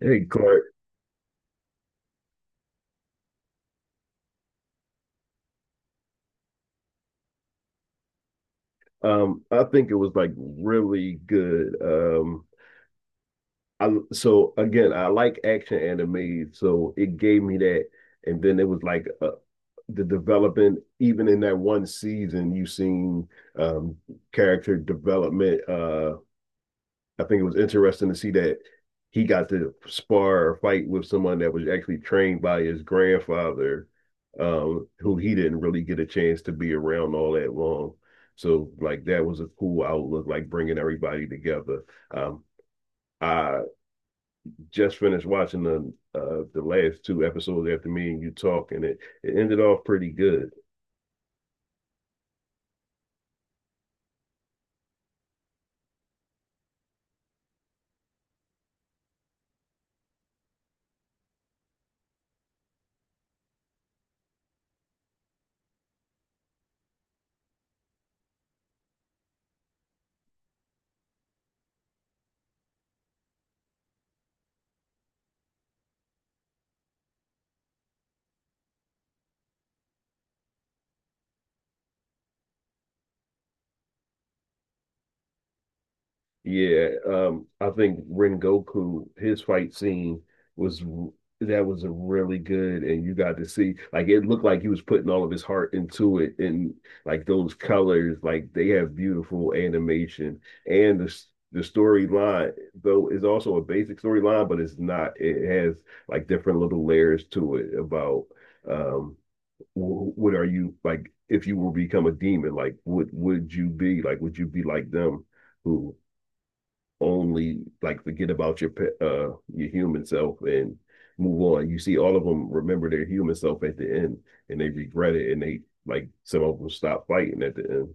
Hey Clark, I think it was like really good. I so again, I like action anime, so it gave me that, and then it was like the development. Even in that one season, you seen um character development. I think it was interesting to see that he got to spar or fight with someone that was actually trained by his grandfather, who he didn't really get a chance to be around all that long. So like that was a cool outlook, like bringing everybody together. Um, I just finished watching the last two episodes after me and you talk, and it ended off pretty good. Yeah, I think Rengoku, his fight scene was that was a really good, and you got to see like it looked like he was putting all of his heart into it, and like those colors, like they have beautiful animation, and the storyline though is also a basic storyline, but it's not. It has like different little layers to it about um, what are you like if you were to become a demon, like what would you be like? Would you be like them, who only like forget about your human self and move on. You see, all of them remember their human self at the end, and they regret it, and they like some of them stop fighting at the end.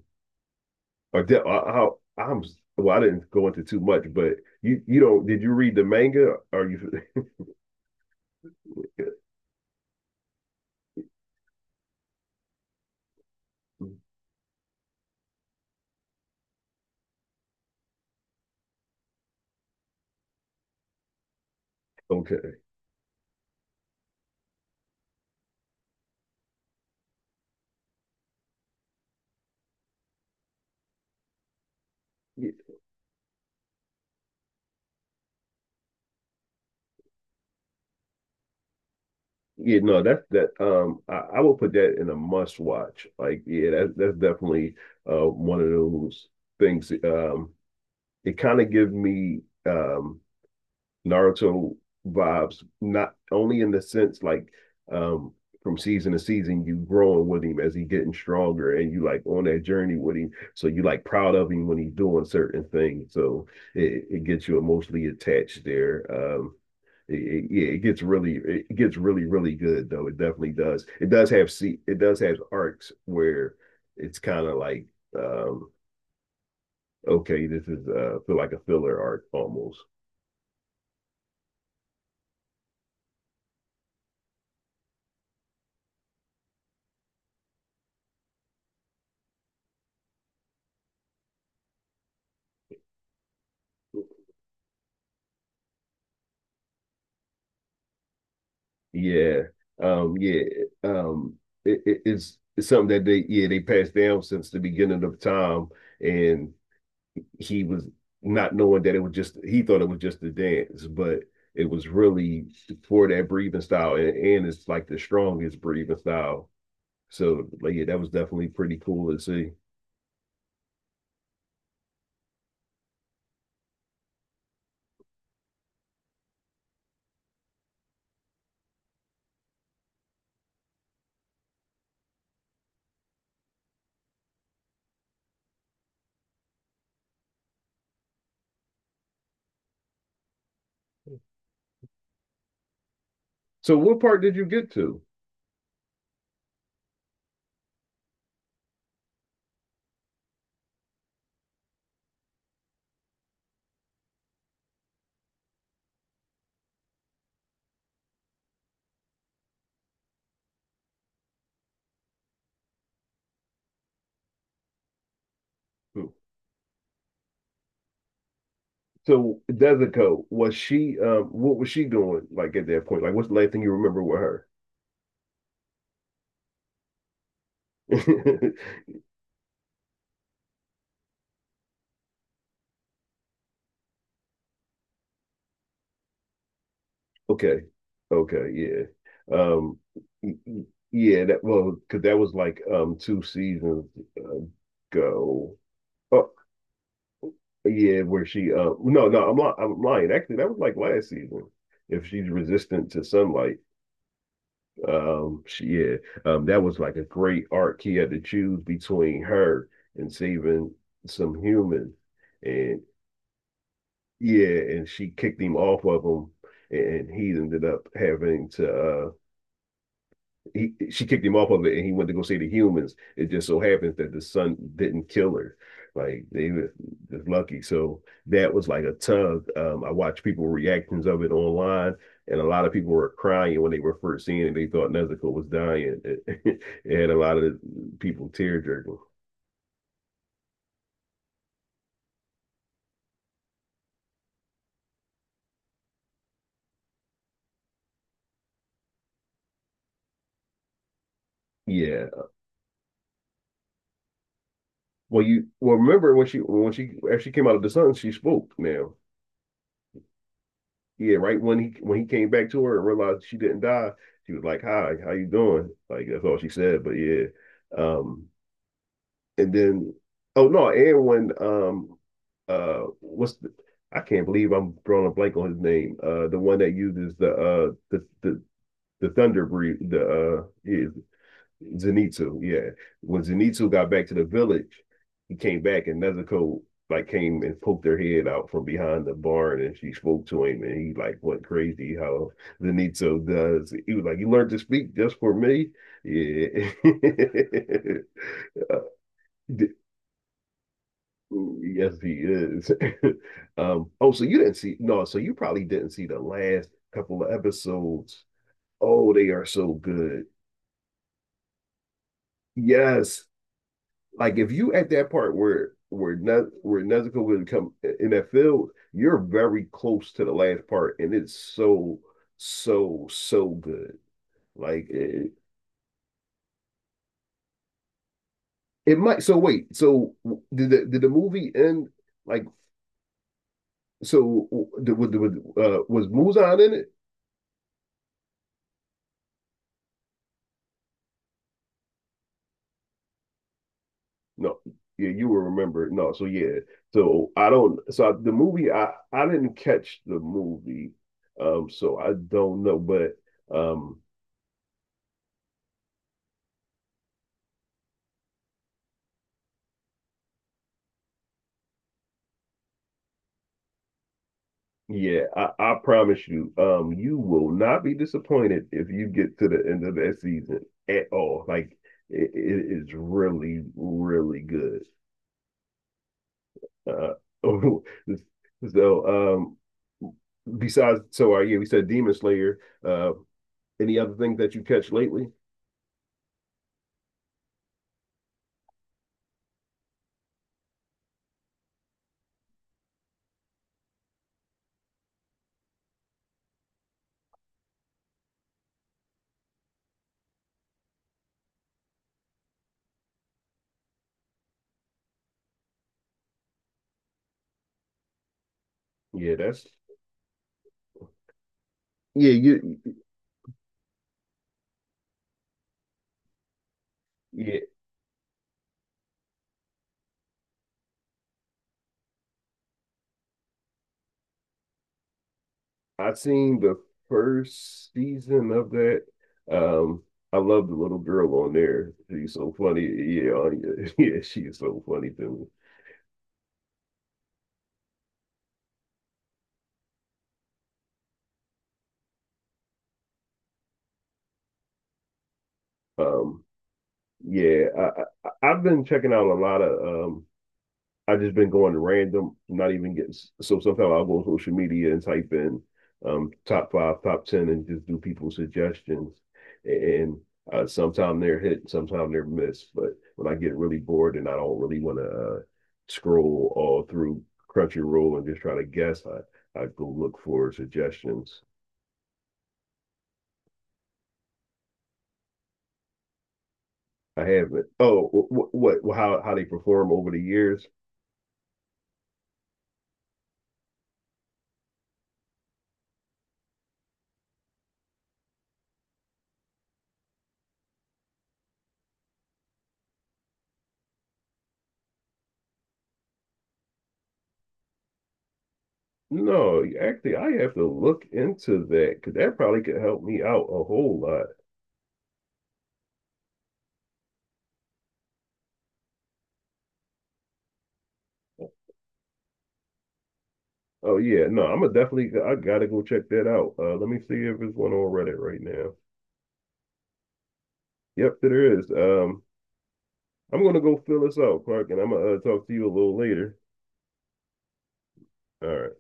Or de- I, am well, I didn't go into too much, but you don't did you read the manga? Are you okay? Yeah, yeah, no, that's that. I will put that in a must watch. Like, yeah, that's definitely one of those things. It kind of gives me Naruto vibes, not only in the sense like um from season to season, you growing with him as he getting stronger and you like on that journey with him. So you like proud of him when he's doing certain things. So it gets you emotionally attached there. Yeah, it gets really, really good though. It definitely does. It does have See, it does have arcs where it's kind of like um okay, this is feel like a filler arc almost. Yeah. Yeah. Um, it's something that they, yeah, they passed down since the beginning of time. And he was not knowing that it was just, he thought it was just a dance, but it was really for that breathing style. And it's like the strongest breathing style. So, like, yeah, that was definitely pretty cool to see. So, what part did you get to? Hmm. So, Desico, was she, what was she doing like at that point? Like, what's the last thing you remember with her? Okay. Okay. Yeah. Y- y- Yeah. That Well, because that was like two seasons ago. Oh, yeah. Where she? No, no. I'm lying. Actually, that was like last season. If she's resistant to sunlight, yeah, that was like a great arc. He had to choose between her and saving some human, and yeah, and she kicked him off of him, and he ended up having to she kicked him off of it, and he went to go see the humans. It just so happens that the son didn't kill her. Like they were just lucky. So that was like a tug. I watched people reactions of it online, and a lot of people were crying when they were first seeing it. They thought Nezuko was dying. It, it had a lot of people tear jerking. Yeah. Well, you well remember when she actually came out of the sun, she spoke now. Yeah, right when he came back to her and realized she didn't die, she was like, "Hi, how you doing?" Like that's all she said. But yeah, um, and then oh no, and when what's the, I can't believe I'm drawing a blank on his name. The one that uses the thunder breed the yeah, Zenitsu, yeah. When Zenitsu got back to the village, he came back and Nezuko like came and poked her head out from behind the barn and she spoke to him and he like went crazy how Zenitsu does. He was like, "You learned to speak just for me?" Yeah. Yes, he is. Oh, so you didn't see no, so you probably didn't see the last couple of episodes. Oh, they are so good. Yes, like if you at that part where Nezuko would come in that field, you're very close to the last part, and it's so so so good. Like it might. So wait. So did the movie end? Like so, was Muzan in it? No. Yeah, you will remember. No. So yeah. So I don't. So the movie, I didn't catch the movie. So I don't know, but um. Yeah, I promise you, you will not be disappointed if you get to the end of that season at all. Like it is really, really good. Uh, so besides, so yeah, we said Demon Slayer. Uh, any other things that you catch lately? Yeah, that's yeah, you yeah. I seen the first season of that. Um, I love the little girl on there. She's so funny. Yeah, Anya. Yeah, she is so funny to me. Um, yeah, I've been checking out a lot of I've just been going random, not even getting so sometimes I'll go on social media and type in top five, top ten and just do people's suggestions. And sometimes they're hit, sometimes they're missed. But when I get really bored and I don't really want to scroll all through Crunchyroll and just try to guess, I go look for suggestions. I haven't. Oh, what, how they perform over the years? No, actually, I have to look into that because that probably could help me out a whole lot. Oh yeah, no, I'm gonna definitely. I gotta go check that out. Let me see if there's one on Reddit right now. Yep, there is. I'm gonna go fill this out, Clark, and I'm gonna talk to you a little later. All right.